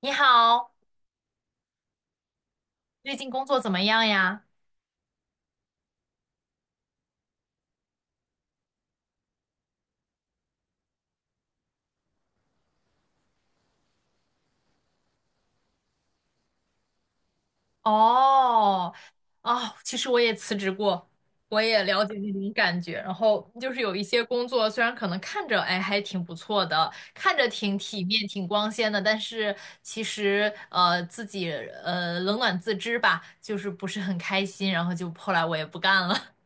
你好，最近工作怎么样呀？哦，哦，其实我也辞职过，我也了解那种感觉。然后就是有一些工作，虽然可能看着哎还挺不错的，看着挺体面、挺光鲜的，但是其实自己冷暖自知吧，就是不是很开心。然后就后来我也不干了。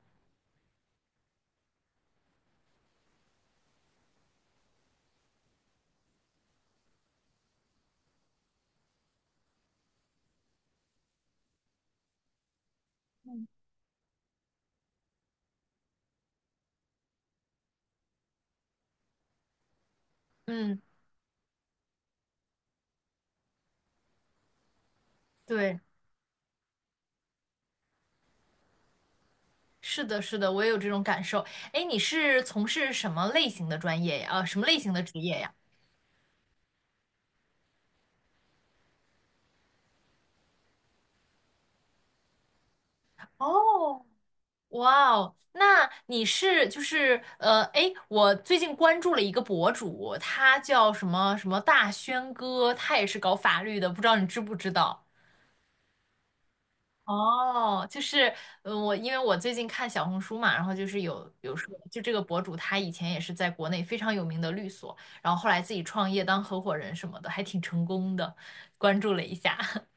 嗯，对，是的，是的，我也有这种感受。哎，你是从事什么类型的专业呀？什么类型的职业呀？哦，哇哦，那你是就是哎，我最近关注了一个博主，他叫什么什么大轩哥，他也是搞法律的，不知道你知不知道？哦，就是嗯，我因为我最近看小红书嘛，然后就是有说，就这个博主他以前也是在国内非常有名的律所，然后后来自己创业当合伙人什么的，还挺成功的，关注了一下。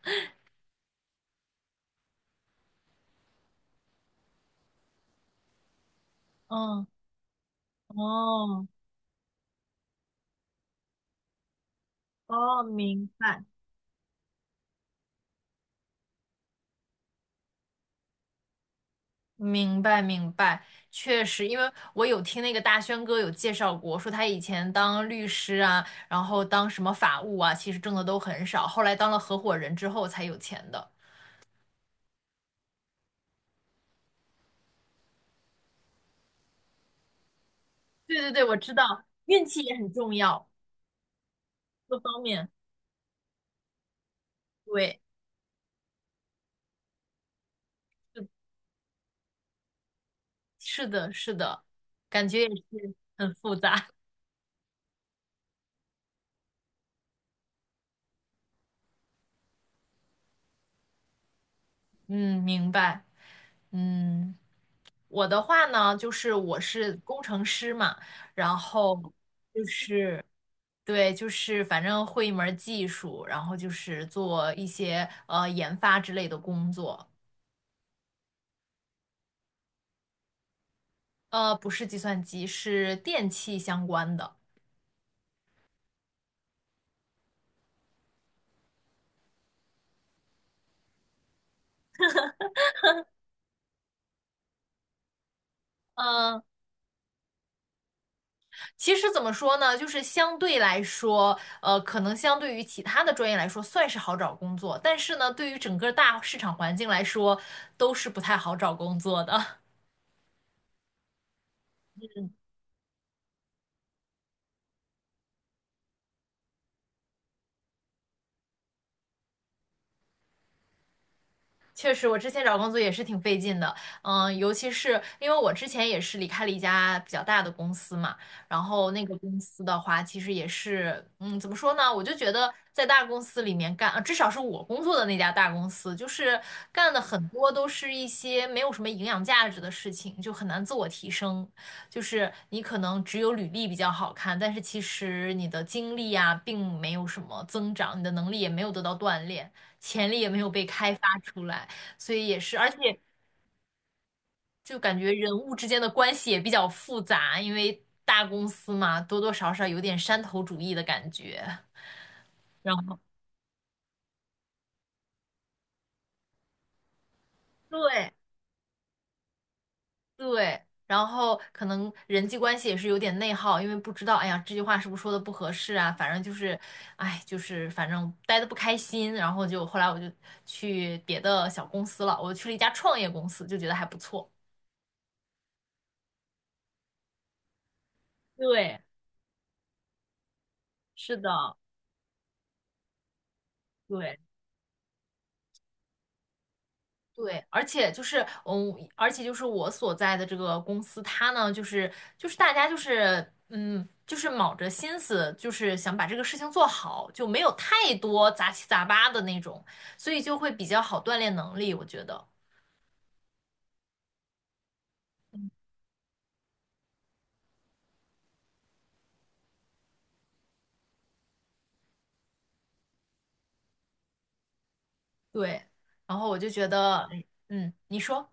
嗯，哦哦，明白。明白明白，确实，因为我有听那个大轩哥有介绍过，说他以前当律师啊，然后当什么法务啊，其实挣的都很少，后来当了合伙人之后才有钱的。对对对，我知道，运气也很重要，各方面。对，是的，是的，感觉也是很复杂。嗯，明白。嗯，我的话呢，就是我是工程师嘛，然后就是。对，就是反正会一门儿技术，然后就是做一些研发之类的工作，呃，不是计算机，是电器相关的。嗯，其实怎么说呢，就是相对来说，呃，可能相对于其他的专业来说，算是好找工作，但是呢，对于整个大市场环境来说，都是不太好找工作的。确实，我之前找工作也是挺费劲的，嗯，尤其是因为我之前也是离开了一家比较大的公司嘛，然后那个公司的话，其实也是，嗯，怎么说呢？我就觉得在大公司里面干，至少是我工作的那家大公司，就是干的很多都是一些没有什么营养价值的事情，就很难自我提升。就是你可能只有履历比较好看，但是其实你的经历啊，并没有什么增长，你的能力也没有得到锻炼，潜力也没有被开发出来。所以也是，而且就感觉人物之间的关系也比较复杂，因为大公司嘛，多多少少有点山头主义的感觉。然后对对，然后可能人际关系也是有点内耗，因为不知道，哎呀，这句话是不是说的不合适啊？反正就是，哎，就是反正待的不开心，然后就后来我就去别的小公司了，我去了一家创业公司，就觉得还不错。对，是的，对。对，而且就是，嗯，而且就是我所在的这个公司，它呢，就是大家就是，嗯，就是卯着心思，就是想把这个事情做好，就没有太多杂七杂八的那种，所以就会比较好锻炼能力，我觉得。对，然后我就觉得，嗯，你说。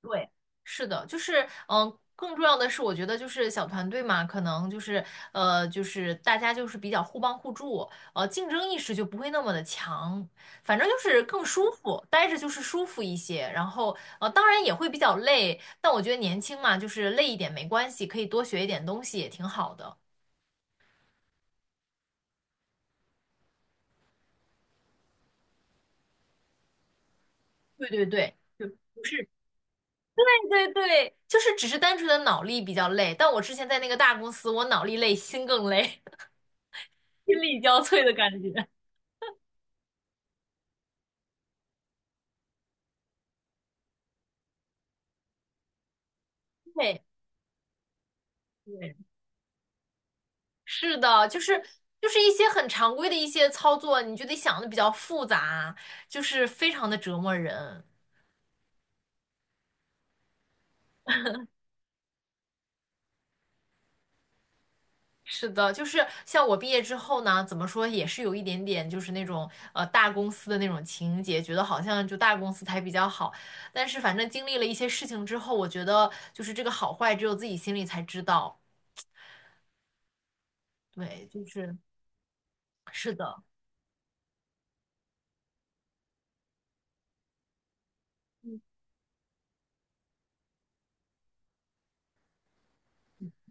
对，是的，就是更重要的是，我觉得就是小团队嘛，可能就是就是大家就是比较互帮互助，呃，竞争意识就不会那么的强，反正就是更舒服，待着就是舒服一些。然后呃，当然也会比较累，但我觉得年轻嘛，就是累一点没关系，可以多学一点东西也挺好的。对对对。就不是对对对，就是只是单纯的脑力比较累，但我之前在那个大公司，我脑力累，心更累，心力交瘁的感觉。对，对，是的，就是就是一些很常规的一些操作，你就得想的比较复杂，就是非常的折磨人。是的，就是像我毕业之后呢，怎么说也是有一点点就是那种大公司的那种情节，觉得好像就大公司才比较好。但是反正经历了一些事情之后，我觉得就是这个好坏只有自己心里才知道。对，就是是的，嗯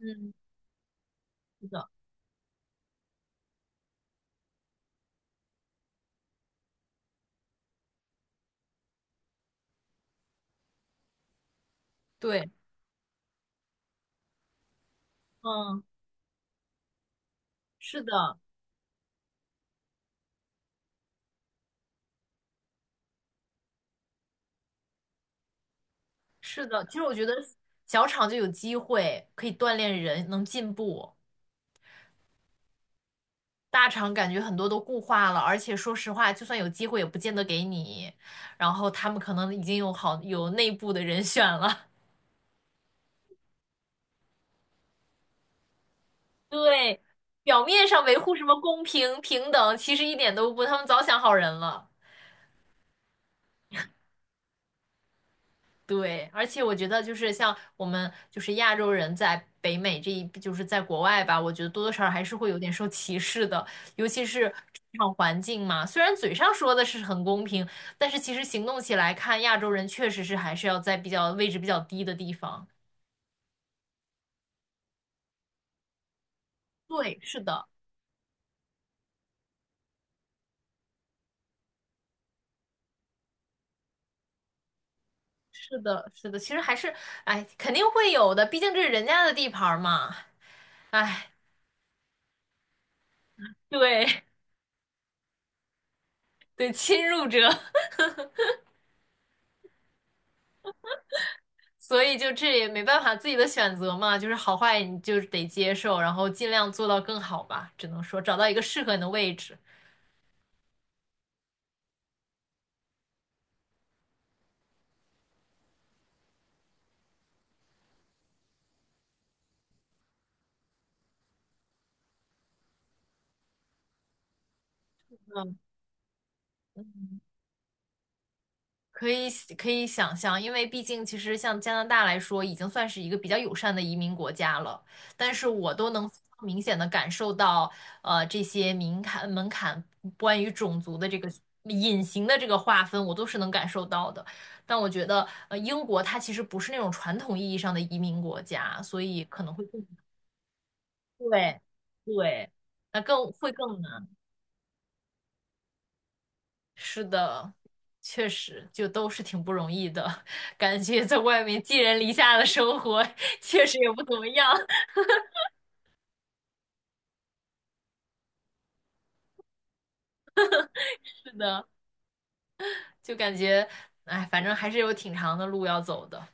嗯，是的，对，嗯，是的。是的，其实我觉得小厂就有机会可以锻炼人，能进步。大厂感觉很多都固化了，而且说实话，就算有机会也不见得给你。然后他们可能已经有内部的人选了。对，表面上维护什么公平平等，其实一点都不，他们早想好人了。对，而且我觉得就是像我们就是亚洲人在北美这一，就是在国外吧，我觉得多多少少还是会有点受歧视的，尤其是职场环境嘛。虽然嘴上说的是很公平，但是其实行动起来看，亚洲人确实是还是要在比较位置比较低的地方。对，是的，是的，是的，其实还是，哎，肯定会有的，毕竟这是人家的地盘儿嘛。哎，对，对，侵入者。所以就这也没办法，自己的选择嘛，就是好坏你就是得接受，然后尽量做到更好吧。只能说找到一个适合你的位置，嗯可以可以想象，因为毕竟其实像加拿大来说，已经算是一个比较友善的移民国家了。但是我都能非常明显的感受到，呃，这些门槛关于种族的这个隐形的这个划分，我都是能感受到的。但我觉得，呃，英国它其实不是那种传统意义上的移民国家，所以可能会更。对对，那更会更难。是的，确实，就都是挺不容易的，感觉在外面寄人篱下的生活确实也不怎么样。是的，就感觉，哎，反正还是有挺长的路要走的。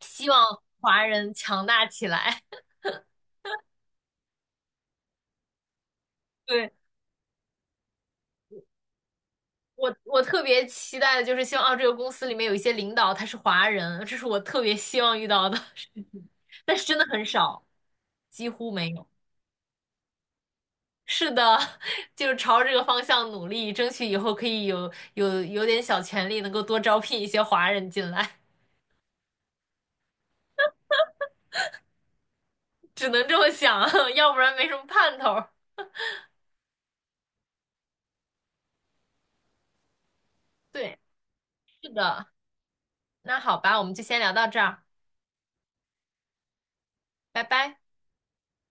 希望华人强大起来。对，我，我特别期待的就是希望，啊，这个公司里面有一些领导他是华人，这是我特别希望遇到的，但是真的很少，几乎没有。是的，就是朝这个方向努力，争取以后可以有有点小权利，能够多招聘一些华人进来，只能这么想，要不然没什么盼头儿对，是的，那好吧，我们就先聊到这儿，拜拜。